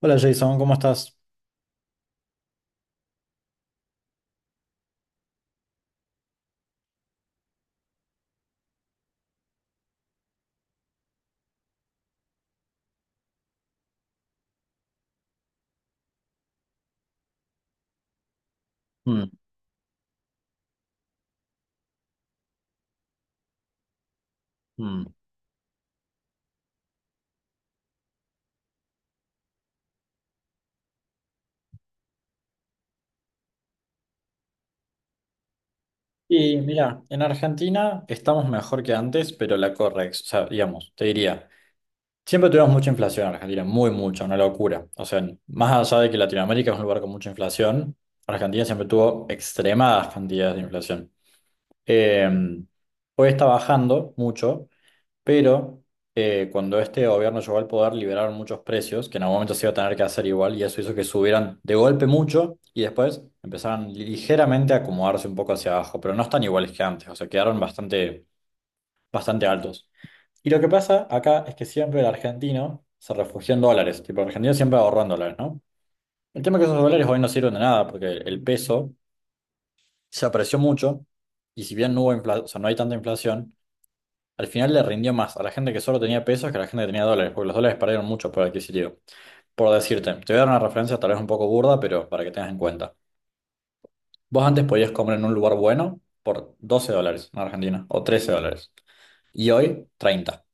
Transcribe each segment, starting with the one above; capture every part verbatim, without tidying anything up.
Hola Jason, ¿cómo estás? Mm, mm. Y mira, en Argentina estamos mejor que antes, pero la correx, o sea, digamos, te diría, siempre tuvimos mucha inflación en Argentina, muy mucha, una locura. O sea, más allá de que Latinoamérica es un lugar con mucha inflación, Argentina siempre tuvo extremadas cantidades de inflación. Eh, hoy está bajando mucho, pero eh, cuando este gobierno llegó al poder, liberaron muchos precios que en algún momento se iba a tener que hacer igual y eso hizo que subieran de golpe mucho y después empezaron ligeramente a acomodarse un poco hacia abajo, pero no están iguales que antes, o sea, quedaron bastante, bastante altos. Y lo que pasa acá es que siempre el argentino se refugió en dólares, tipo el argentino siempre ahorró en dólares, ¿no? El tema es que esos dólares hoy no sirven de nada porque el peso se apreció mucho y si bien no hubo infla- o sea, no hay tanta inflación, al final le rindió más a la gente que solo tenía pesos que a la gente que tenía dólares, porque los dólares perdieron mucho por adquisitivo. Por decirte, te voy a dar una referencia tal vez un poco burda, pero para que tengas en cuenta. Vos antes podías comer en un lugar bueno por doce dólares en Argentina, o trece dólares, y hoy treinta.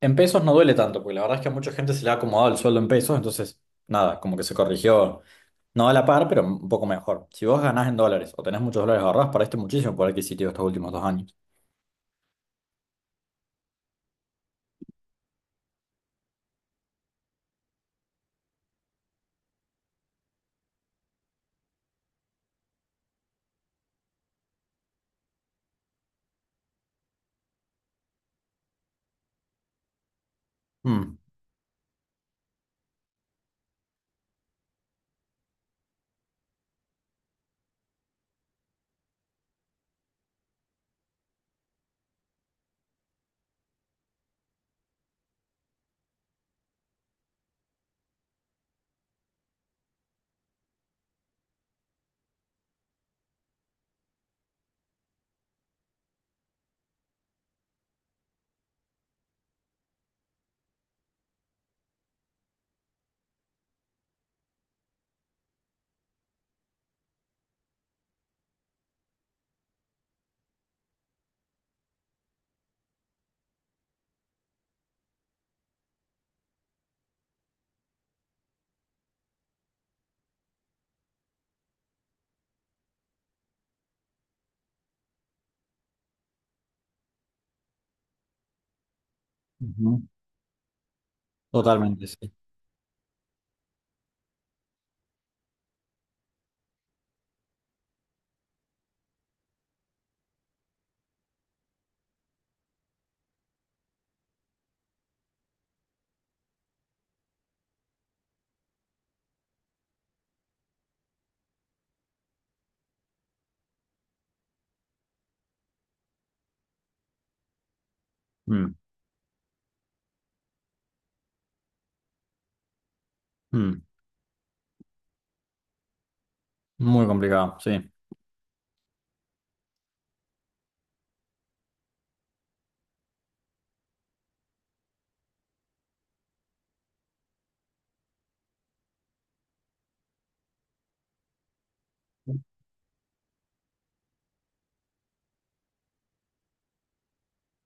En pesos no duele tanto, porque la verdad es que a mucha gente se le ha acomodado el sueldo en pesos, entonces nada, como que se corrigió, no a la par, pero un poco mejor. Si vos ganás en dólares o tenés muchos dólares ahorrados, perdiste muchísimo por adquisitivo estos últimos dos años. Mm. Ujú, totalmente, sí. Mm, mm. Muy complicado, sí.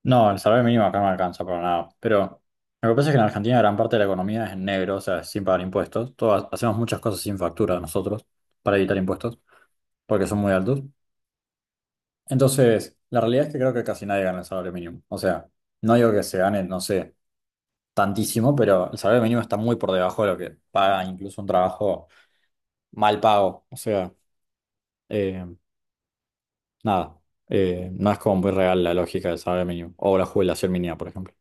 No, el salario mínimo acá no alcanza para nada. Pero lo que pasa es que en Argentina gran parte de la economía es en negro, o sea, es sin pagar impuestos. Todos hacemos muchas cosas sin factura nosotros para evitar impuestos, porque son muy altos. Entonces, la realidad es que creo que casi nadie gana el salario mínimo. O sea, no digo que se gane, no sé, tantísimo, pero el salario mínimo está muy por debajo de lo que paga incluso un trabajo mal pago. O sea, eh, nada, eh, no es como muy real la lógica del salario mínimo o la jubilación mínima, por ejemplo.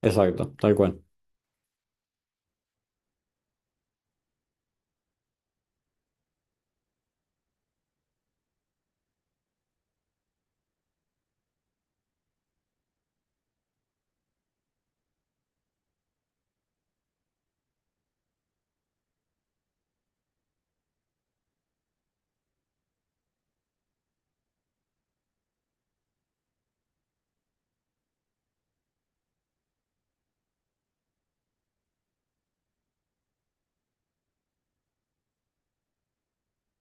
Exacto, tal cual.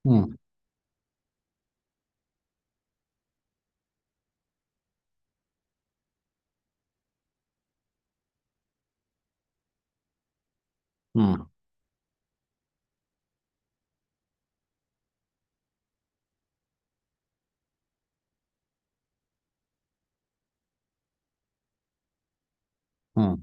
Mm, mm, mm.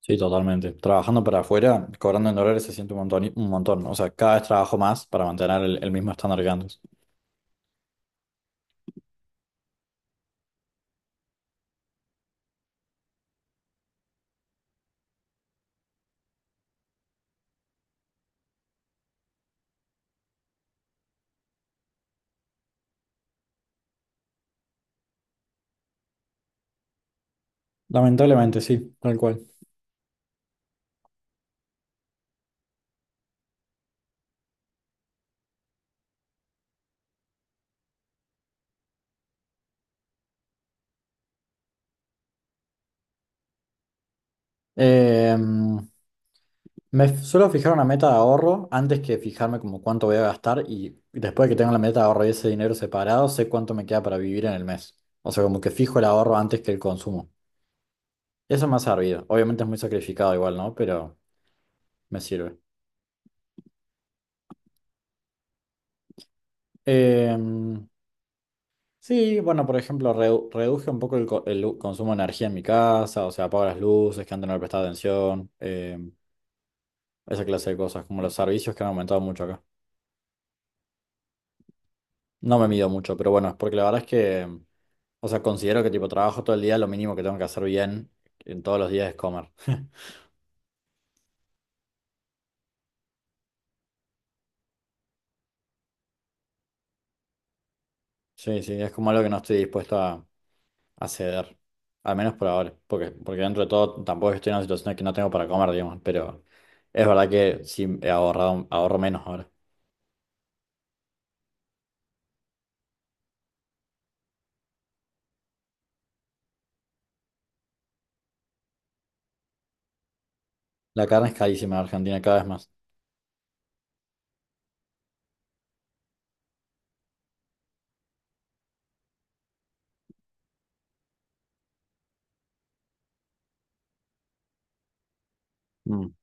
Sí, totalmente. Trabajando para afuera, cobrando en dólares se siente un montón, y- un montón, ¿no? O sea, cada vez trabajo más para mantener el, el mismo estándar que antes. Lamentablemente, sí, tal cual. Eh, me f- suelo fijar una meta de ahorro antes que fijarme como cuánto voy a gastar y después de que tengo la meta de ahorro y ese dinero separado, sé cuánto me queda para vivir en el mes. O sea, como que fijo el ahorro antes que el consumo. Eso me ha servido. Obviamente es muy sacrificado igual, ¿no? Pero me sirve. Eh, Sí, bueno, por ejemplo, reu- reduje un poco el, co- el u- consumo de energía en mi casa, o sea, apago las luces, que antes no le prestaba atención, eh, esa clase de cosas, como los servicios que han aumentado mucho acá. No me mido mucho, pero bueno, es porque la verdad es que, em, o sea, considero que tipo trabajo todo el día, lo mínimo que tengo que hacer bien en todos los días es comer. Sí, sí, es como algo que no estoy dispuesto a, a ceder, al menos por ahora, porque, porque dentro de todo tampoco estoy en una situación en que no tengo para comer, digamos, pero es verdad que sí he ahorrado, ahorro menos ahora. La carne es carísima en Argentina, cada vez más. Mm.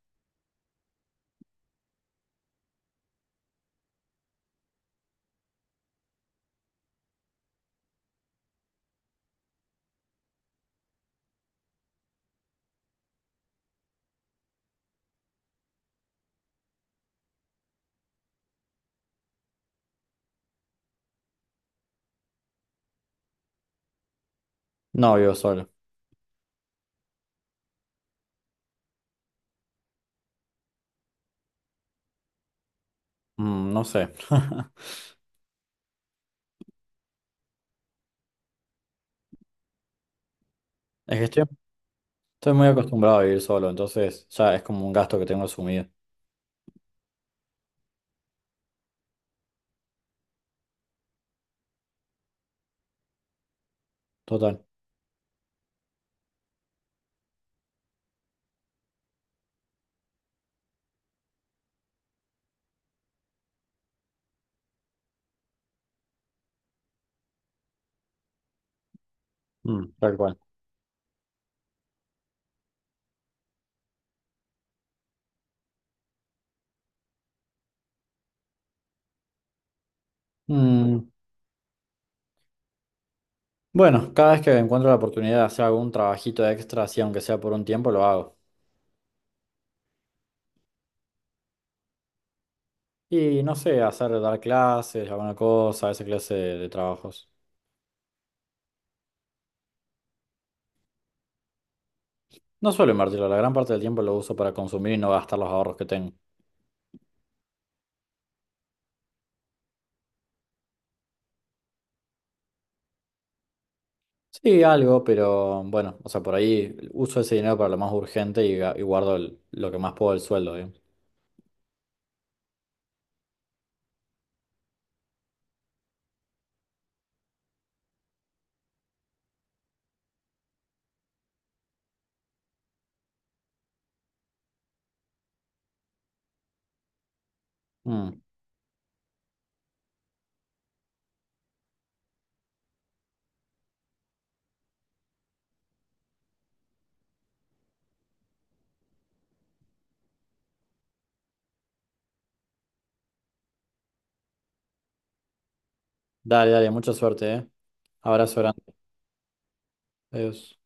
No vivo solo. Mm, no sé. Es que estoy, estoy muy acostumbrado a vivir solo, entonces ya es como un gasto que tengo asumido. Total. Mm. Tal cual. Mm, bueno, cada vez que encuentro la oportunidad de hacer algún trabajito extra, así aunque sea por un tiempo, lo hago. Y no sé, hacer, dar clases, alguna cosa, esa clase de, de trabajos. No suelo invertirlo, la gran parte del tiempo lo uso para consumir y no gastar los ahorros que tengo. Sí, algo, pero bueno, o sea, por ahí uso ese dinero para lo más urgente y, ga- y guardo el- lo que más puedo del sueldo, digamos. Mm. Dale, dale, mucha suerte, ¿eh? Abrazo grande. Adiós.